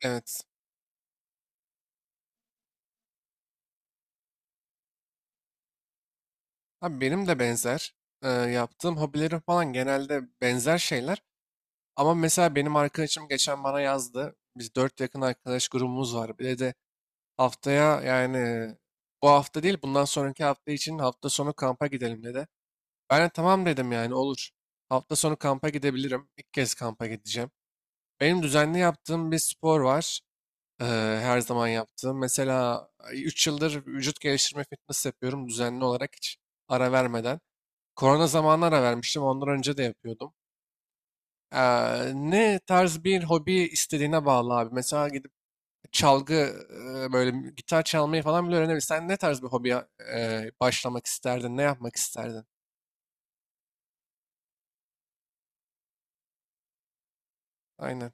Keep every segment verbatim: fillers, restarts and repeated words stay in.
Evet. Abi benim de benzer. Ee, yaptığım hobilerim falan genelde benzer şeyler. Ama mesela benim arkadaşım geçen bana yazdı. Biz dört yakın arkadaş grubumuz var. Bir de haftaya yani bu hafta değil bundan sonraki hafta için hafta sonu kampa gidelim dedi. Ben de tamam dedim yani olur. Hafta sonu kampa gidebilirim. İlk kez kampa gideceğim. Benim düzenli yaptığım bir spor var. Ee, her zaman yaptığım. Mesela üç yıldır vücut geliştirme fitness yapıyorum düzenli olarak hiç ara vermeden. Korona zamanlara vermiştim. Ondan önce de yapıyordum. Eee, ne tarz bir hobi istediğine bağlı abi. Mesela gidip çalgı eee, böyle mü- gitar çalmayı falan bile öğrenebilirsin. Sen ne tarz bir hobiye eee, başlamak isterdin? Ne yapmak isterdin? Aynen.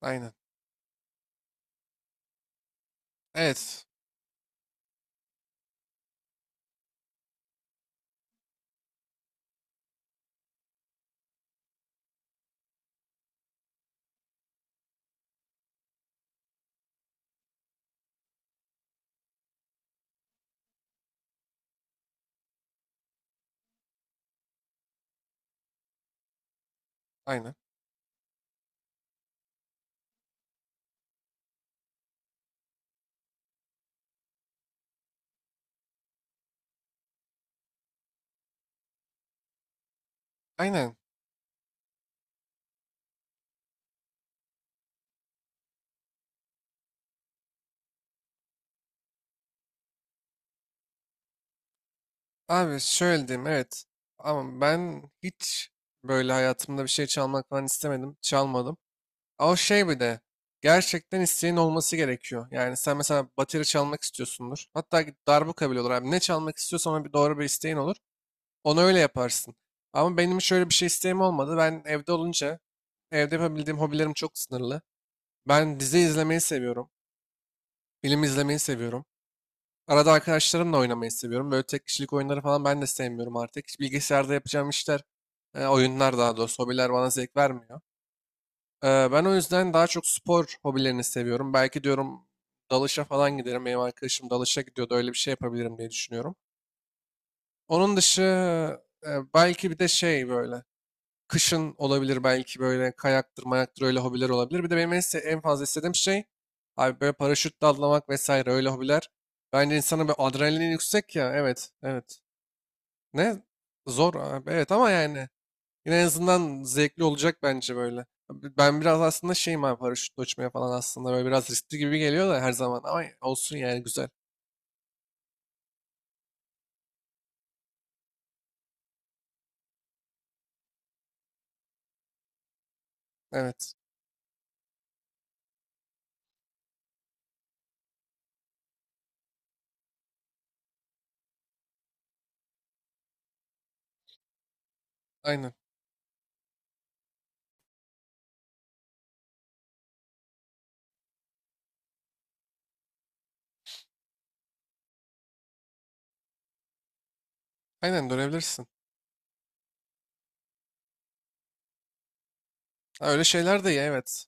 Aynen. Evet. Aynen. Aynen. Abi şöyle diyeyim evet. Ama ben hiç böyle hayatımda bir şey çalmak falan istemedim. Çalmadım. O şey bir de gerçekten isteğin olması gerekiyor. Yani sen mesela bateri çalmak istiyorsundur. Hatta git darbuka bile olur abi. Ne çalmak istiyorsan ona bir doğru bir isteğin olur. Onu öyle yaparsın. Ama benim şöyle bir şey isteğim olmadı. Ben evde olunca evde yapabildiğim hobilerim çok sınırlı. Ben dizi izlemeyi seviyorum. Film izlemeyi seviyorum. Arada arkadaşlarımla oynamayı seviyorum. Böyle tek kişilik oyunları falan ben de sevmiyorum artık. Hiç bilgisayarda yapacağım işler, e, oyunlar daha doğrusu hobiler bana zevk vermiyor. Ee, ben o yüzden daha çok spor hobilerini seviyorum. Belki diyorum dalışa falan giderim. Benim arkadaşım dalışa gidiyordu. Öyle bir şey yapabilirim diye düşünüyorum. Onun dışı e, belki bir de şey böyle kışın olabilir belki böyle kayaktır, mayaktır öyle hobiler olabilir. Bir de benim en, se- en fazla istediğim şey abi böyle paraşütle atlamak vesaire öyle hobiler. Bence insanın bir adrenalin yüksek ya. Evet, evet. Ne? Zor abi. Evet ama yani yine en azından zevkli olacak bence böyle. Ben biraz aslında şeyim abi paraşütle uçmaya falan aslında böyle biraz riskli gibi geliyor da her zaman ama olsun yani güzel. Evet. Aynen. Aynen dönebilirsin. Ha, öyle şeyler de iyi evet.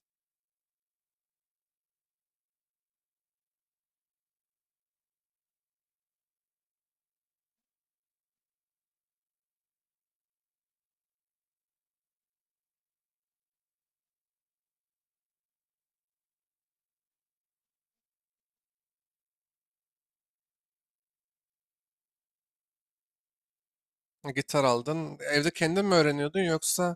Gitar aldın. Evde kendin mi öğreniyordun yoksa?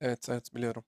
Evet, evet, biliyorum.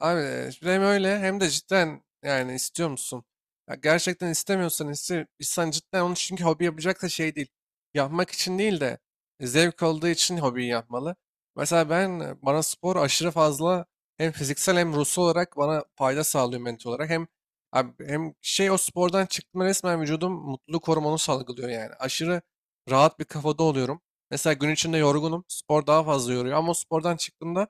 Abi e, hem öyle hem de cidden yani istiyor musun? Ya gerçekten istemiyorsan iste, insan cidden onu çünkü hobi yapacak da şey değil. Yapmak için değil de e, zevk olduğu için hobiyi yapmalı. Mesela ben e, bana spor aşırı fazla hem fiziksel hem ruhsal olarak bana fayda sağlıyor mental olarak. Hem abi, hem şey o spordan çıktığımda resmen vücudum mutluluk hormonu salgılıyor yani. Aşırı rahat bir kafada oluyorum. Mesela gün içinde yorgunum. Spor daha fazla yoruyor ama o spordan çıktığımda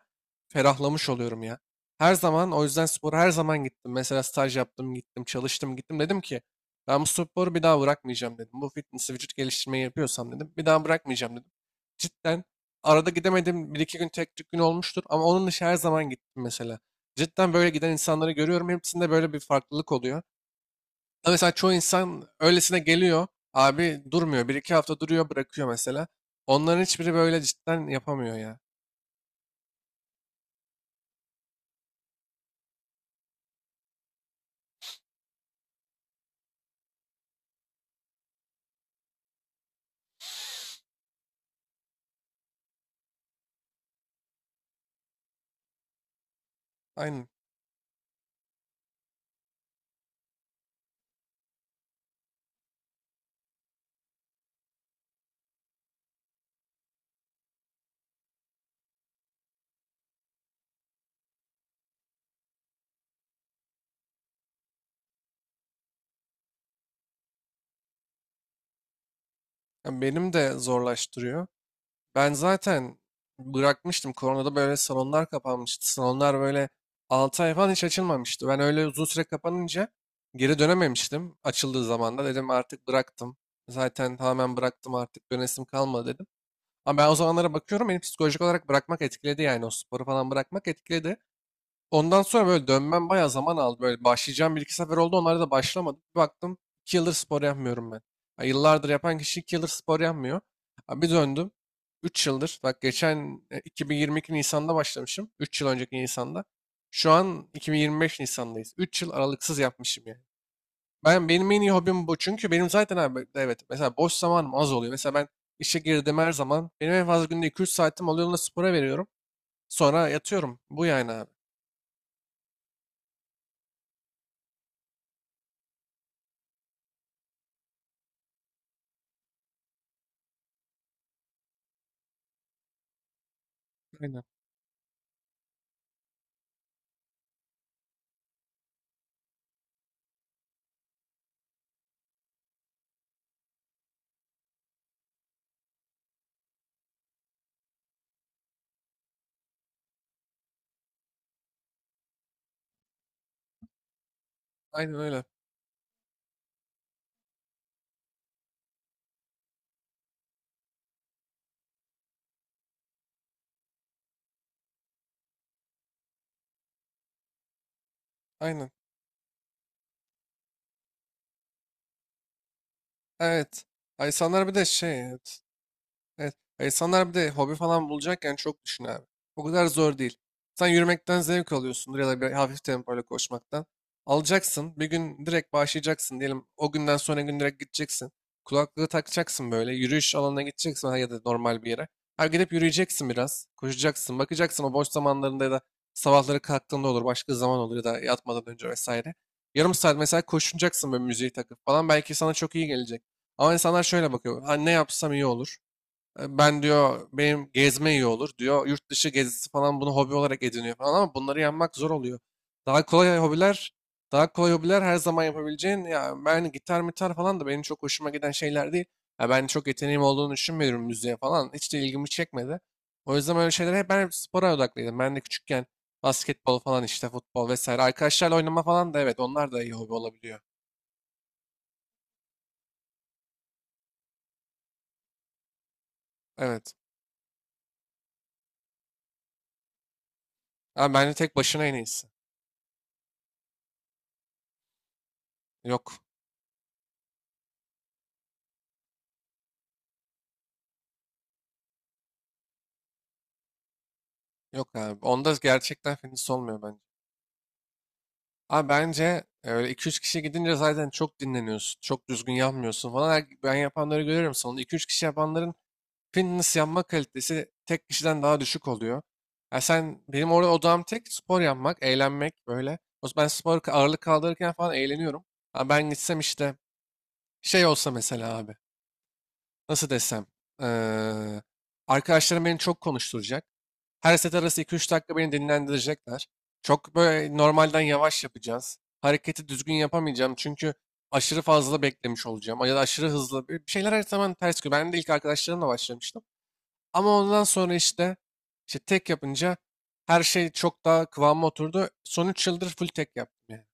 ferahlamış oluyorum ya. Her zaman o yüzden spora her zaman gittim. Mesela staj yaptım, gittim, çalıştım, gittim. Dedim ki ben bu sporu bir daha bırakmayacağım dedim. Bu fitness vücut geliştirmeyi yapıyorsam dedim. Bir daha bırakmayacağım dedim. Cidden arada gidemedim. Bir iki gün tek tük gün olmuştur. Ama onun dışı her zaman gittim mesela. Cidden böyle giden insanları görüyorum. Hepsinde böyle bir farklılık oluyor. Ama mesela çoğu insan öylesine geliyor. Abi durmuyor. Bir iki hafta duruyor bırakıyor mesela. Onların hiçbiri böyle cidden yapamıyor ya. Aynen. Ya benim de zorlaştırıyor. Ben zaten bırakmıştım. Koronada böyle salonlar kapanmıştı. Salonlar böyle altı ay falan hiç açılmamıştı. Ben öyle uzun süre kapanınca geri dönememiştim. Açıldığı zaman da dedim artık bıraktım. Zaten tamamen bıraktım artık dönesim kalmadı dedim. Ama ben o zamanlara bakıyorum beni psikolojik olarak bırakmak etkiledi yani o sporu falan bırakmak etkiledi. Ondan sonra böyle dönmem bayağı zaman aldı. Böyle başlayacağım bir iki sefer oldu. Onlara da başlamadım. Bir baktım iki yıldır spor yapmıyorum ben. Ya yıllardır yapan kişi iki yıldır spor yapmıyor. Abi bir döndüm. Üç yıldır. Bak geçen e, iki bin yirmi iki Nisan'da başlamışım. Üç yıl önceki Nisan'da. Şu an iki bin yirmi beş Nisan'dayız. Üç yıl aralıksız yapmışım yani. Ben benim en iyi hobim bu. Çünkü benim zaten abi evet mesela boş zamanım az oluyor. Mesela ben işe girdim her zaman. Benim en fazla günde iki üç saatim oluyor. Onu da spora veriyorum. Sonra yatıyorum. Bu yani abi. Aynen. Aynen öyle. Aynen. Evet. Ay insanlar bir de şey, evet, evet. Ya İnsanlar bir de hobi falan bulacakken çok düşün abi. O kadar zor değil. Sen yürümekten zevk alıyorsundur ya da bir hafif tempoyla koşmaktan. Alacaksın. Bir gün direkt başlayacaksın diyelim. O günden sonra gün direkt gideceksin. Kulaklığı takacaksın böyle. Yürüyüş alanına gideceksin ha ya da normal bir yere. Ha gidip yürüyeceksin biraz. Koşacaksın. Bakacaksın o boş zamanlarında ya da sabahları kalktığında olur. Başka zaman olur ya da yatmadan önce vesaire. Yarım saat mesela koşunacaksın böyle müziği takıp falan. Belki sana çok iyi gelecek. Ama insanlar şöyle bakıyor. Ha, ne yapsam iyi olur. E, ben diyor benim gezme iyi olur diyor. Yurt dışı gezisi falan bunu hobi olarak ediniyor falan ama bunları yapmak zor oluyor. Daha kolay hobiler, daha kolay hobiler her zaman yapabileceğin ya ben gitar mitar falan da benim çok hoşuma giden şeyler değil. Ya ben çok yeteneğim olduğunu düşünmüyorum müziğe falan. Hiç de ilgimi çekmedi. O yüzden öyle şeylere hep ben hep spora odaklıydım. Ben de küçükken basketbol falan işte futbol vesaire. Arkadaşlarla oynama falan da evet onlar da iyi hobi olabiliyor. Evet. Ama bence tek başına en iyisi. Yok. Yok abi. Onda gerçekten fitness olmuyor bence. Abi bence e, öyle iki üç kişi gidince zaten çok dinleniyorsun. Çok düzgün yanmıyorsun falan. Her- Ben yapanları görüyorum. Sonunda iki üç kişi yapanların fitness yanma kalitesi tek kişiden daha düşük oluyor. Ya sen benim orada odam tek spor yapmak, eğlenmek böyle. O ben spor ağırlık kaldırırken falan eğleniyorum. Ama ben gitsem işte şey olsa mesela abi. Nasıl desem. eee, arkadaşlarım beni çok konuşturacak. Her set arası iki üç dakika beni dinlendirecekler. Çok böyle normalden yavaş yapacağız. Hareketi düzgün yapamayacağım çünkü aşırı fazla beklemiş olacağım. Ya da aşırı hızlı. Bir bir şeyler her zaman ters gidiyor. Ben de ilk arkadaşlarımla başlamıştım. Ama ondan sonra işte, işte tek yapınca her şey çok daha kıvama oturdu. Son üç yıldır full tek yaptım yani.